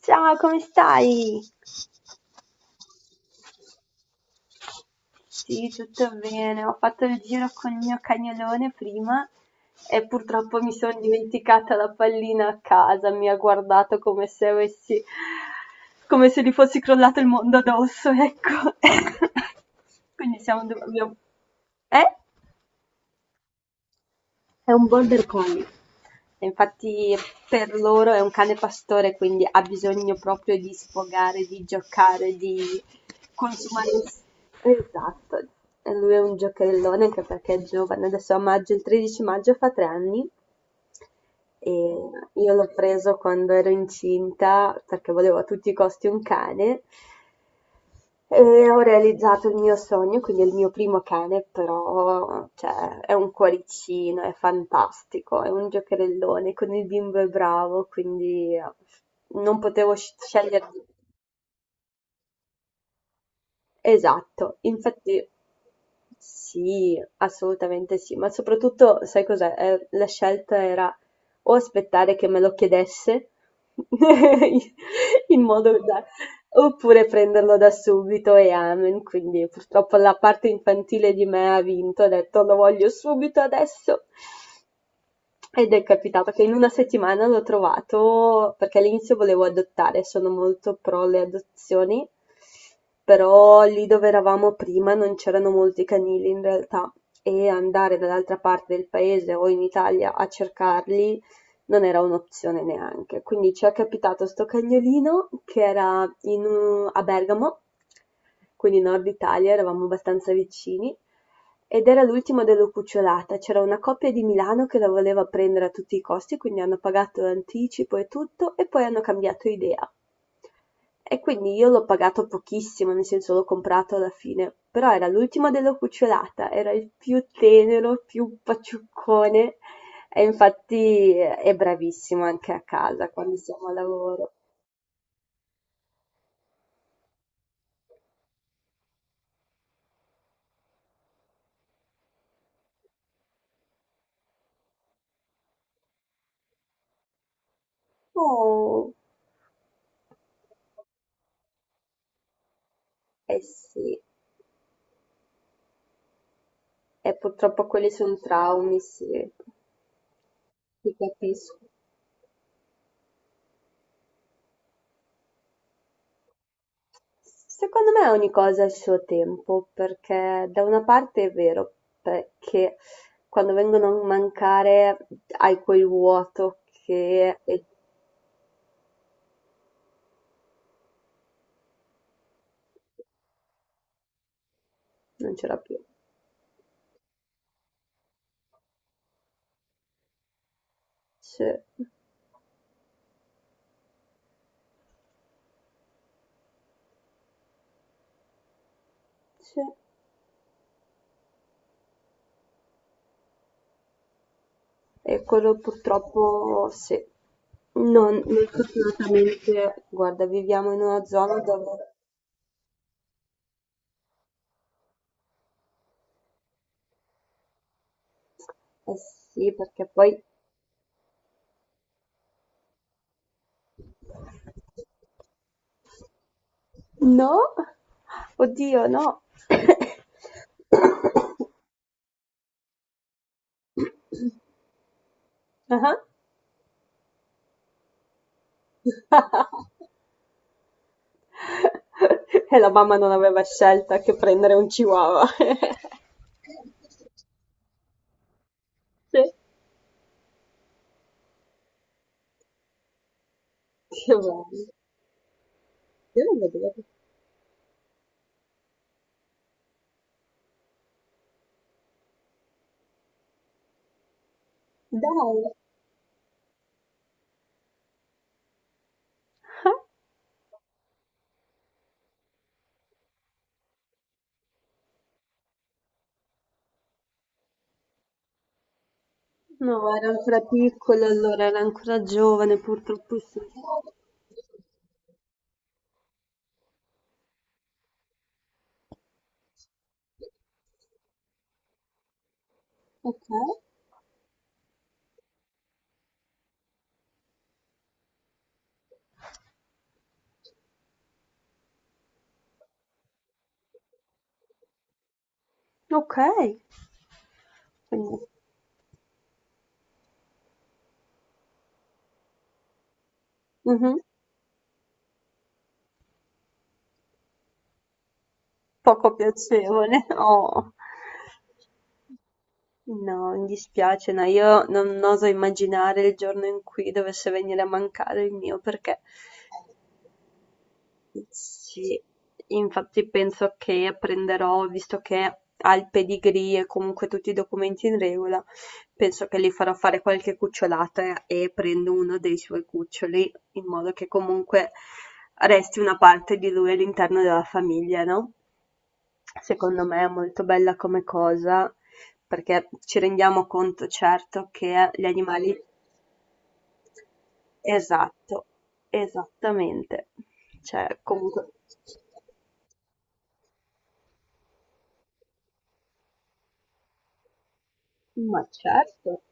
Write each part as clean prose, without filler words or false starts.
Ciao, come stai? Sì, tutto bene. Ho fatto il giro con il mio cagnolone prima e purtroppo mi sono dimenticata la pallina a casa. Mi ha guardato come se avessi, come se gli fosse crollato il mondo addosso, ecco. Quindi siamo dove abbiamo. Eh? È un border collie. Infatti per loro è un cane pastore, quindi ha bisogno proprio di sfogare, di giocare, di consumare. Esatto, e lui è un giocherellone anche perché è giovane, adesso a maggio, il 13 maggio fa 3 anni e io l'ho preso quando ero incinta perché volevo a tutti i costi un cane e ho realizzato il mio sogno, quindi è il mio primo cane, però cioè, è un cuoricino, è fantastico, è un giocherellone, con il bimbo è bravo, quindi non potevo scegliere. Di Esatto, infatti sì, assolutamente sì, ma soprattutto sai cos'è? La scelta era o aspettare che me lo chiedesse in modo da. Oppure prenderlo da subito e amen, quindi purtroppo la parte infantile di me ha vinto, ha detto lo voglio subito adesso. Ed è capitato che in una settimana l'ho trovato perché all'inizio volevo adottare, sono molto pro le adozioni, però lì dove eravamo prima non c'erano molti canili in realtà e andare dall'altra parte del paese o in Italia a cercarli non era un'opzione neanche. Quindi ci è capitato sto cagnolino che era a Bergamo, quindi nord Italia, eravamo abbastanza vicini, ed era l'ultimo della cucciolata. C'era una coppia di Milano che la voleva prendere a tutti i costi, quindi hanno pagato l'anticipo e tutto, e poi hanno cambiato idea. E quindi io l'ho pagato pochissimo, nel senso l'ho comprato alla fine, però era l'ultimo della cucciolata, era il più tenero, più paciuccone e infatti è bravissimo anche a casa quando siamo al lavoro. Oh, eh sì, e purtroppo quelli sono traumi, sì, ti capisco. Secondo me ogni cosa ha il suo tempo, perché da una parte è vero, perché quando vengono a mancare hai quel vuoto, che e, non c'era più. Sì, sì. E quello purtroppo sì. Non, noi fortunatamente, guarda, viviamo in una zona dove. Eh sì, perché poi. No! Oddio, no! Ah. E la mamma non aveva scelta che prendere un chihuahua. Sì, che bello. Io non vedevo. Dai. Ah. No, era ancora piccola, allora era ancora giovane, purtroppo sì. Ok, ok. Quindi, mh-mh, poco piacevole. Oh. No, mi dispiace, no, io non oso immaginare il giorno in cui dovesse venire a mancare il mio perché sì, infatti penso che apprenderò, visto che ha il pedigree e comunque tutti i documenti in regola, penso che gli farò fare qualche cucciolata e prendo uno dei suoi cuccioli, in modo che comunque resti una parte di lui all'interno della famiglia, no? Secondo me è molto bella come cosa, perché ci rendiamo conto, certo, che gli animali. Esatto, esattamente. Cioè, comunque. Ma certo.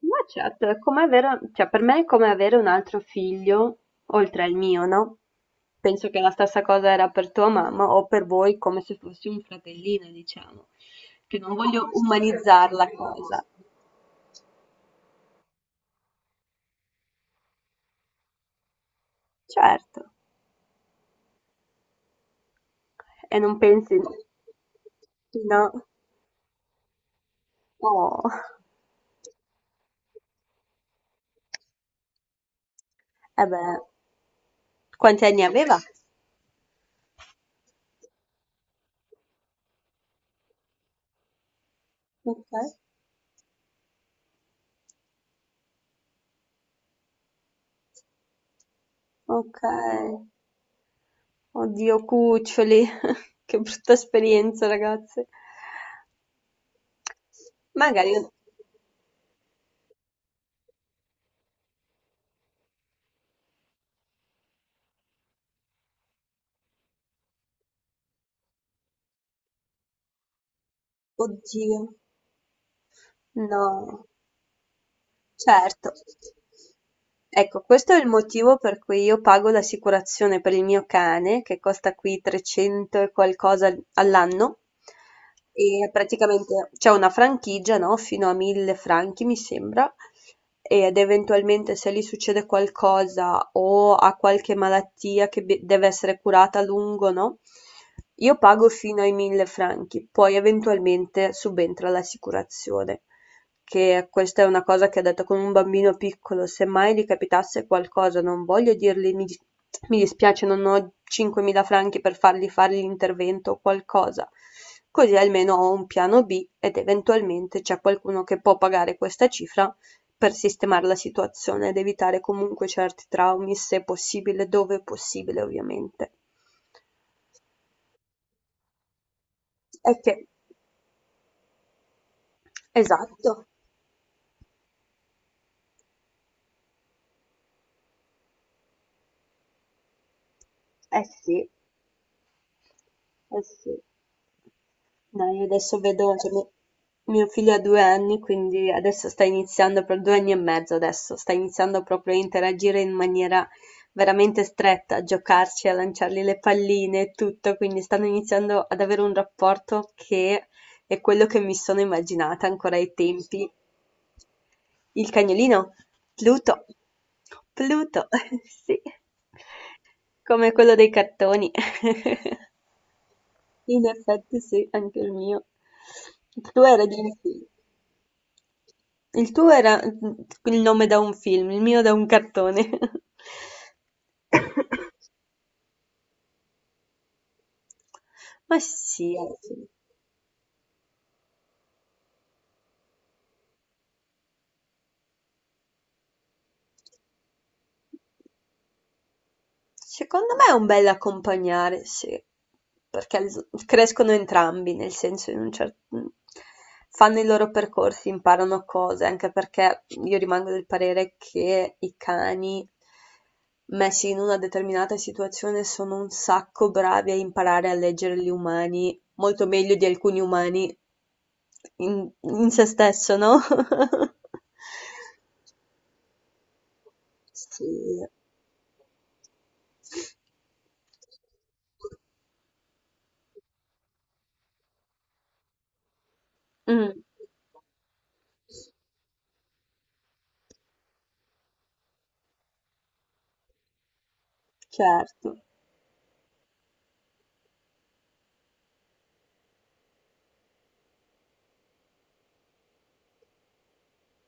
Ma certo, è come avere cioè per me è come avere un altro figlio oltre al mio, no, penso che la stessa cosa era per tua mamma o per voi come se fossi un fratellino, diciamo, che non voglio umanizzar la cosa. Certo, e non pensi no. Oh. Eh beh, quanti anni aveva? Okay, okay. Oddio, cuccioli. Che brutta esperienza, ragazze. Magari, oddio, no. Certo. Ecco, questo è il motivo per cui io pago l'assicurazione per il mio cane, che costa qui 300 e qualcosa all'anno, e praticamente c'è una franchigia, no? Fino a 1000 franchi, mi sembra, ed eventualmente se gli succede qualcosa o ha qualche malattia che deve essere curata a lungo, no? Io pago fino ai 1000 franchi, poi eventualmente subentra l'assicurazione che questa è una cosa che ha detto con un bambino piccolo, se mai gli capitasse qualcosa, non voglio dirgli mi dispiace, non ho 5.000 franchi per fargli fare l'intervento o qualcosa. Così almeno ho un piano B ed eventualmente c'è qualcuno che può pagare questa cifra per sistemare la situazione ed evitare comunque certi traumi, se possibile, dove è possibile, ovviamente. È che, esatto, eh sì, eh sì. No, io adesso vedo, cioè, mio figlio ha 2 anni, quindi adesso sta iniziando, per 2 anni e mezzo adesso, sta iniziando proprio a interagire in maniera veramente stretta, a giocarci, a lanciargli le palline e tutto, quindi stanno iniziando ad avere un rapporto che è quello che mi sono immaginata ancora ai tempi. Il cagnolino, Pluto, Pluto, sì, come quello dei cartoni. In effetti sì, anche il mio. Tu eri di. Il tuo era il nome da un film, il mio da un cartone. Ma sì, alla fine. Secondo me è un bel accompagnare, sì, perché crescono entrambi, nel senso in un certo. Fanno i loro percorsi, imparano cose, anche perché io rimango del parere che i cani messi in una determinata situazione sono un sacco bravi a imparare a leggere gli umani, molto meglio di alcuni umani in se stesso, no? Sì. Mh. Certo.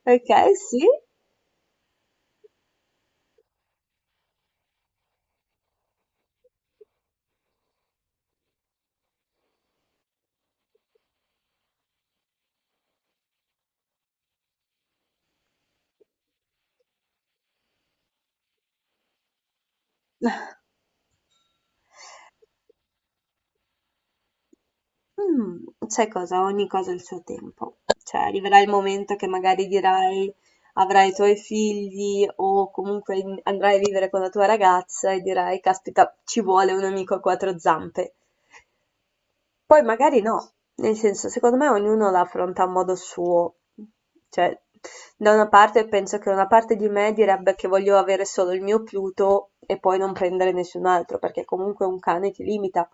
Okay, sì. Sai cosa, ogni cosa ha il suo tempo. Cioè arriverà il momento che magari dirai avrai i tuoi figli o comunque in andrai a vivere con la tua ragazza e dirai: "Caspita, ci vuole un amico a quattro zampe". Poi magari no, nel senso, secondo me ognuno la affronta a modo suo. Cioè, da una parte penso che una parte di me direbbe che voglio avere solo il mio Pluto e poi non prendere nessun altro, perché comunque un cane ti limita.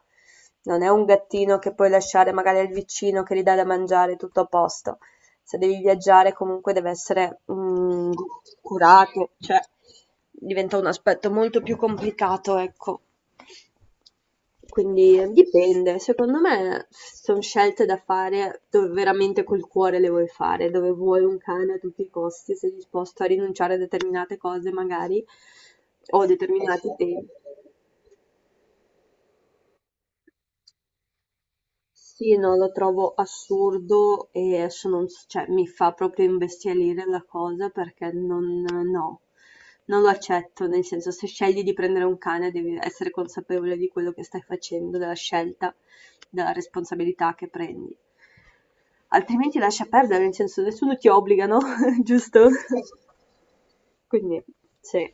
Non è un gattino che puoi lasciare magari al vicino che gli dà da mangiare tutto a posto. Se devi viaggiare comunque deve essere curato, cioè diventa un aspetto molto più complicato, ecco. Quindi dipende, secondo me sono scelte da fare dove veramente col cuore le vuoi fare, dove vuoi un cane a tutti i costi, sei disposto a rinunciare a determinate cose magari o a determinati tempi. Sì, no, lo trovo assurdo e sono cioè, mi fa proprio imbestialire la cosa perché non, no, non lo accetto, nel senso se scegli di prendere un cane devi essere consapevole di quello che stai facendo, della scelta, della responsabilità che prendi. Altrimenti lascia perdere, nel senso nessuno ti obbliga, no? Giusto? Quindi, sì.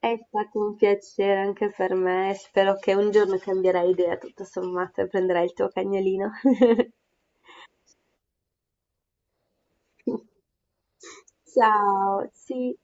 È stato un piacere anche per me e spero che un giorno cambierai idea, tutto sommato, e prenderai il tuo cagnolino. Ciao, sì.